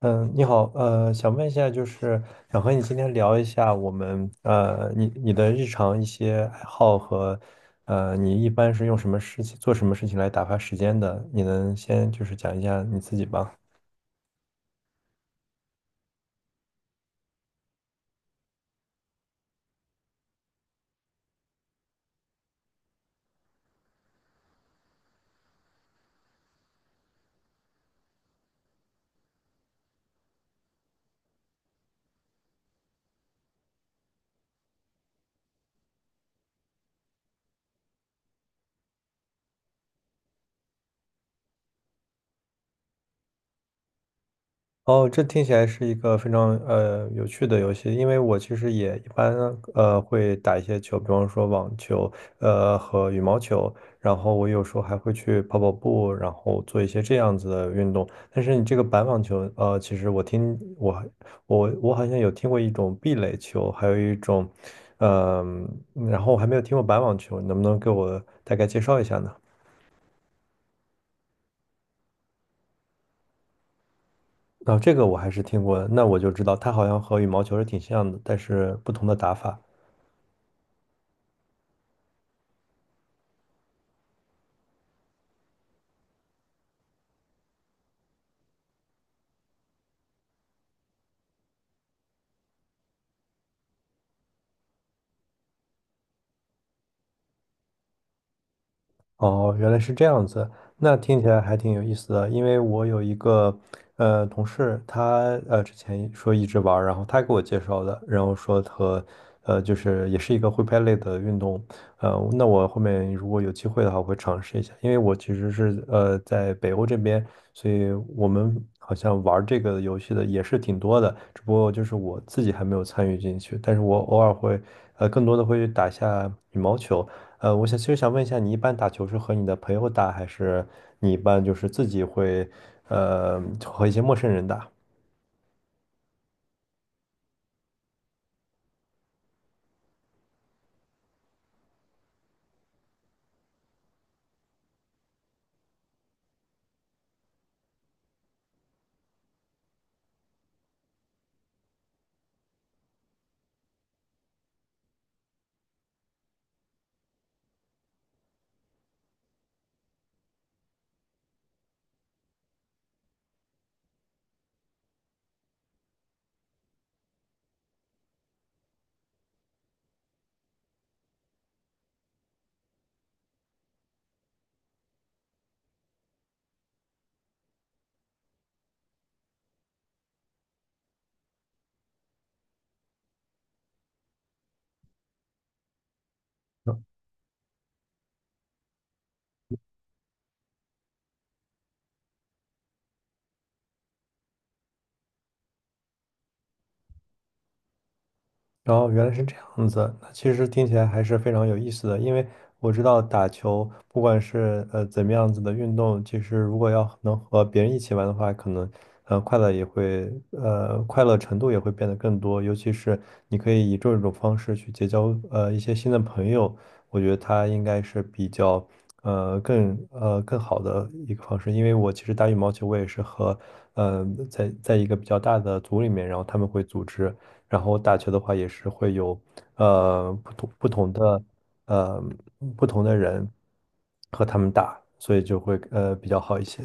嗯，你好，想问一下，就是。想和你今天聊一下我们你的日常一些爱好和你一般是用什么事情做什么事情来打发时间的？你能先就是讲一下你自己吗？哦，这听起来是一个非常有趣的游戏，因为我其实也一般会打一些球，比方说网球，和羽毛球，然后我有时候还会去跑跑步，然后做一些这样子的运动。但是你这个板网球，其实我好像有听过一种壁垒球，还有一种，呃然后我还没有听过板网球，你能不能给我大概介绍一下呢？啊，这个我还是听过的，那我就知道它好像和羽毛球是挺像的，但是不同的打法。哦，原来是这样子，那听起来还挺有意思的。因为我有一个同事，他之前说一直玩儿然后他给我介绍的，然后说和就是也是一个挥拍类的运动，那我后面如果有机会的话，我会尝试一下。因为我其实是在北欧这边，所以我们好像玩儿这个游戏的也是挺多的，只不过就是我自己还没有参与进去，但是我偶尔会更多的会打一下羽毛球。我想其实想问一下，你一般打球是和你的朋友打，还是你一般就是自己会，和一些陌生人打？然后原来是这样子，那其实听起来还是非常有意思的，因为我知道打球，不管是怎么样子的运动，其实如果要能和别人一起玩的话，可能快乐程度也会变得更多，尤其是你可以以这种方式去结交一些新的朋友，我觉得它应该是比较更好的一个方式，因为我其实打羽毛球，我也是和在一个比较大的组里面，然后他们会组织。然后打球的话也是会有呃不同不同的呃不同的人和他们打，所以就会比较好一些。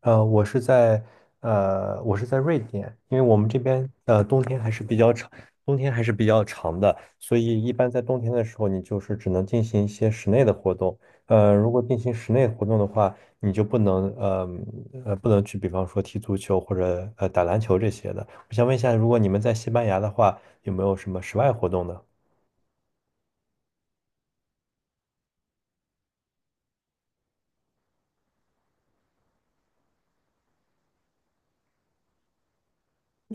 呃，我是在我是在瑞典，因为我们这边冬天还是比较长，冬天还是比较长的，所以一般在冬天的时候，你就是只能进行一些室内的活动。如果进行室内活动的话，你就不能去，比方说踢足球或者打篮球这些的。我想问一下，如果你们在西班牙的话，有没有什么室外活动呢？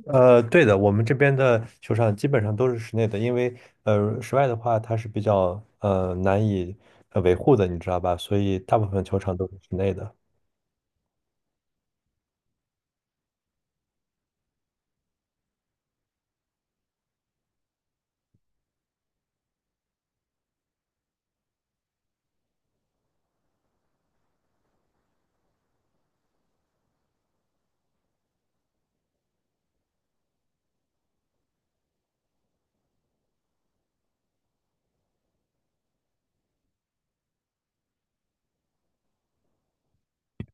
对的，我们这边的球场基本上都是室内的，因为室外的话它是比较难以维护的，你知道吧？所以大部分球场都是室内的。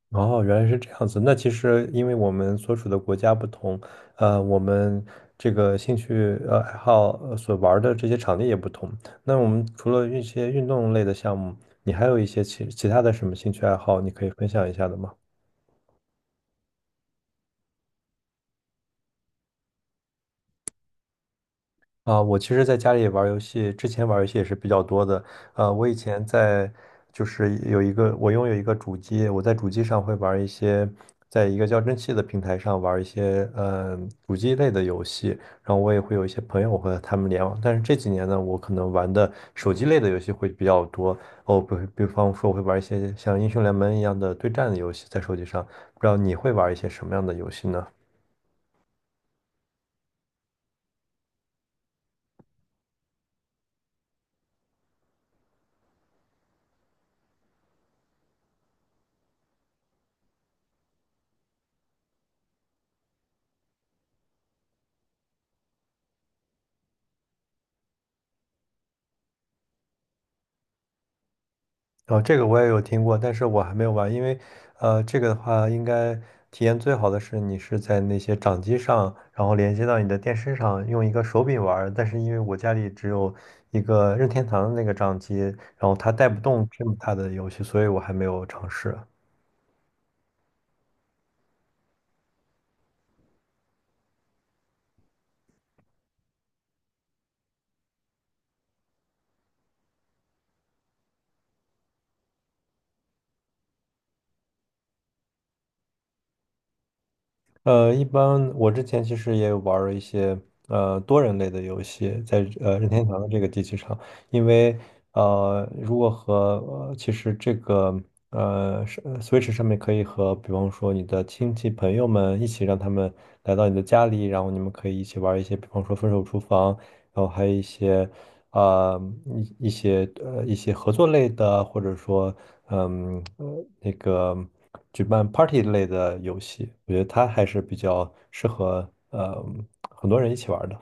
哦，原来是这样子。那其实因为我们所处的国家不同，我们这个兴趣爱好所玩儿的这些场地也不同。那我们除了一些运动类的项目，你还有一些其他的什么兴趣爱好，你可以分享一下的吗？啊，我其实在家里玩儿游戏，之前玩儿游戏也是比较多的。呃，我以前在就是有一个，我拥有一个主机，我在主机上会玩儿一些，在一个叫蒸汽的平台上玩儿一些，主机类的游戏。然后我也会有一些朋友和他们联网，但是这几年呢，我可能玩的手机类的游戏会比较多。哦，比比方说，我会玩一些像英雄联盟一样的对战的游戏在手机上。不知道你会玩一些什么样的游戏呢？哦，这个我也有听过，但是我还没有玩，因为，这个的话，应该体验最好的是你是在那些掌机上，然后连接到你的电视上，用一个手柄玩儿。但是因为我家里只有一个任天堂的那个掌机，然后它带不动这么大的游戏，所以我还没有尝试。一般我之前其实也有玩儿一些多人类的游戏，在任天堂的这个机器上，因为如果和呃其实这个呃是 Switch 上面可以和比方说你的亲戚朋友们一起让他们来到你的家里，然后你们可以一起玩儿一些比方说分手厨房，然后还有一些啊、呃一些合作类的，或者说嗯呃那个举办 party 类的游戏，我觉得它还是比较适合很多人一起玩儿的。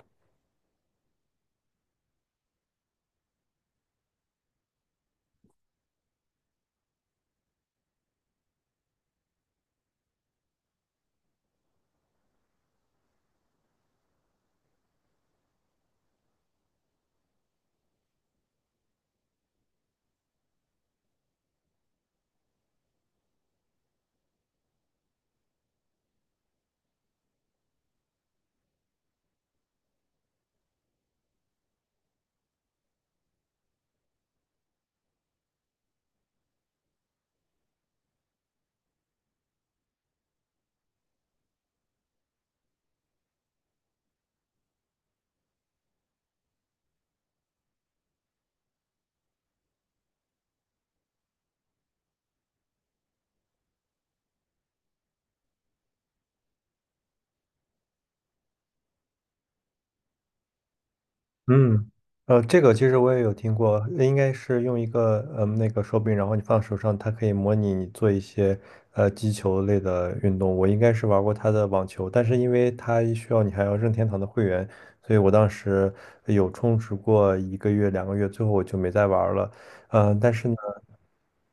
嗯，这个其实我也有听过，应该是用一个那个手柄，然后你放手上，它可以模拟你做一些击球类的运动。我应该是玩过它的网球，但是因为它需要你还要任天堂的会员，所以我当时有充值过一个月、两个月，最后我就没再玩了。嗯、但是呢。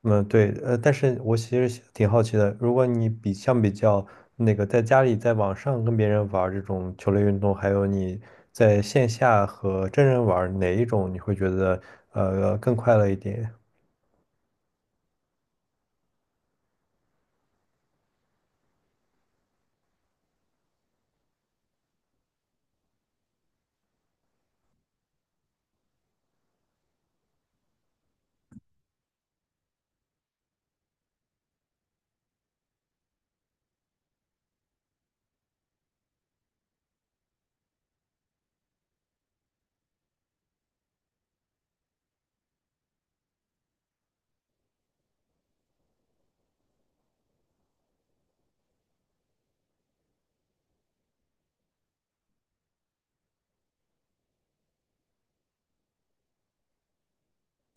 嗯，对，但是我其实挺好奇的，如果你比相比较那个在家里在网上跟别人玩儿这种球类运动，还有你在线下和真人玩儿哪一种你会觉得更快乐一点？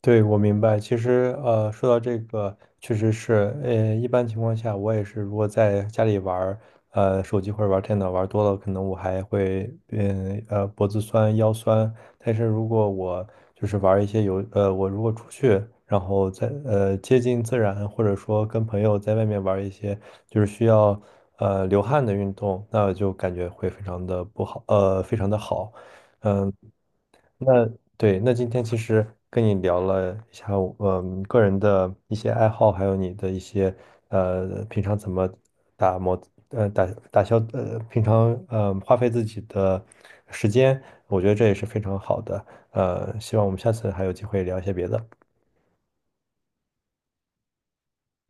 对，我明白。其实，说到这个，确实是，一般情况下，我也是，如果在家里玩儿，手机或者玩儿电脑玩儿多了，可能我还会，脖子酸、腰酸。但是如果我就是玩儿一些游，呃，我如果出去，然后在，接近自然，或者说跟朋友在外面玩儿一些就是需要，流汗的运动，那就感觉会非常的不好，呃，非常的好。嗯。那对，那今天其实跟你聊了一下我，嗯，个人的一些爱好，还有你的一些平常怎么打磨，呃，打打消，平常花费自己的时间，我觉得这也是非常好的。希望我们下次还有机会聊一些别的。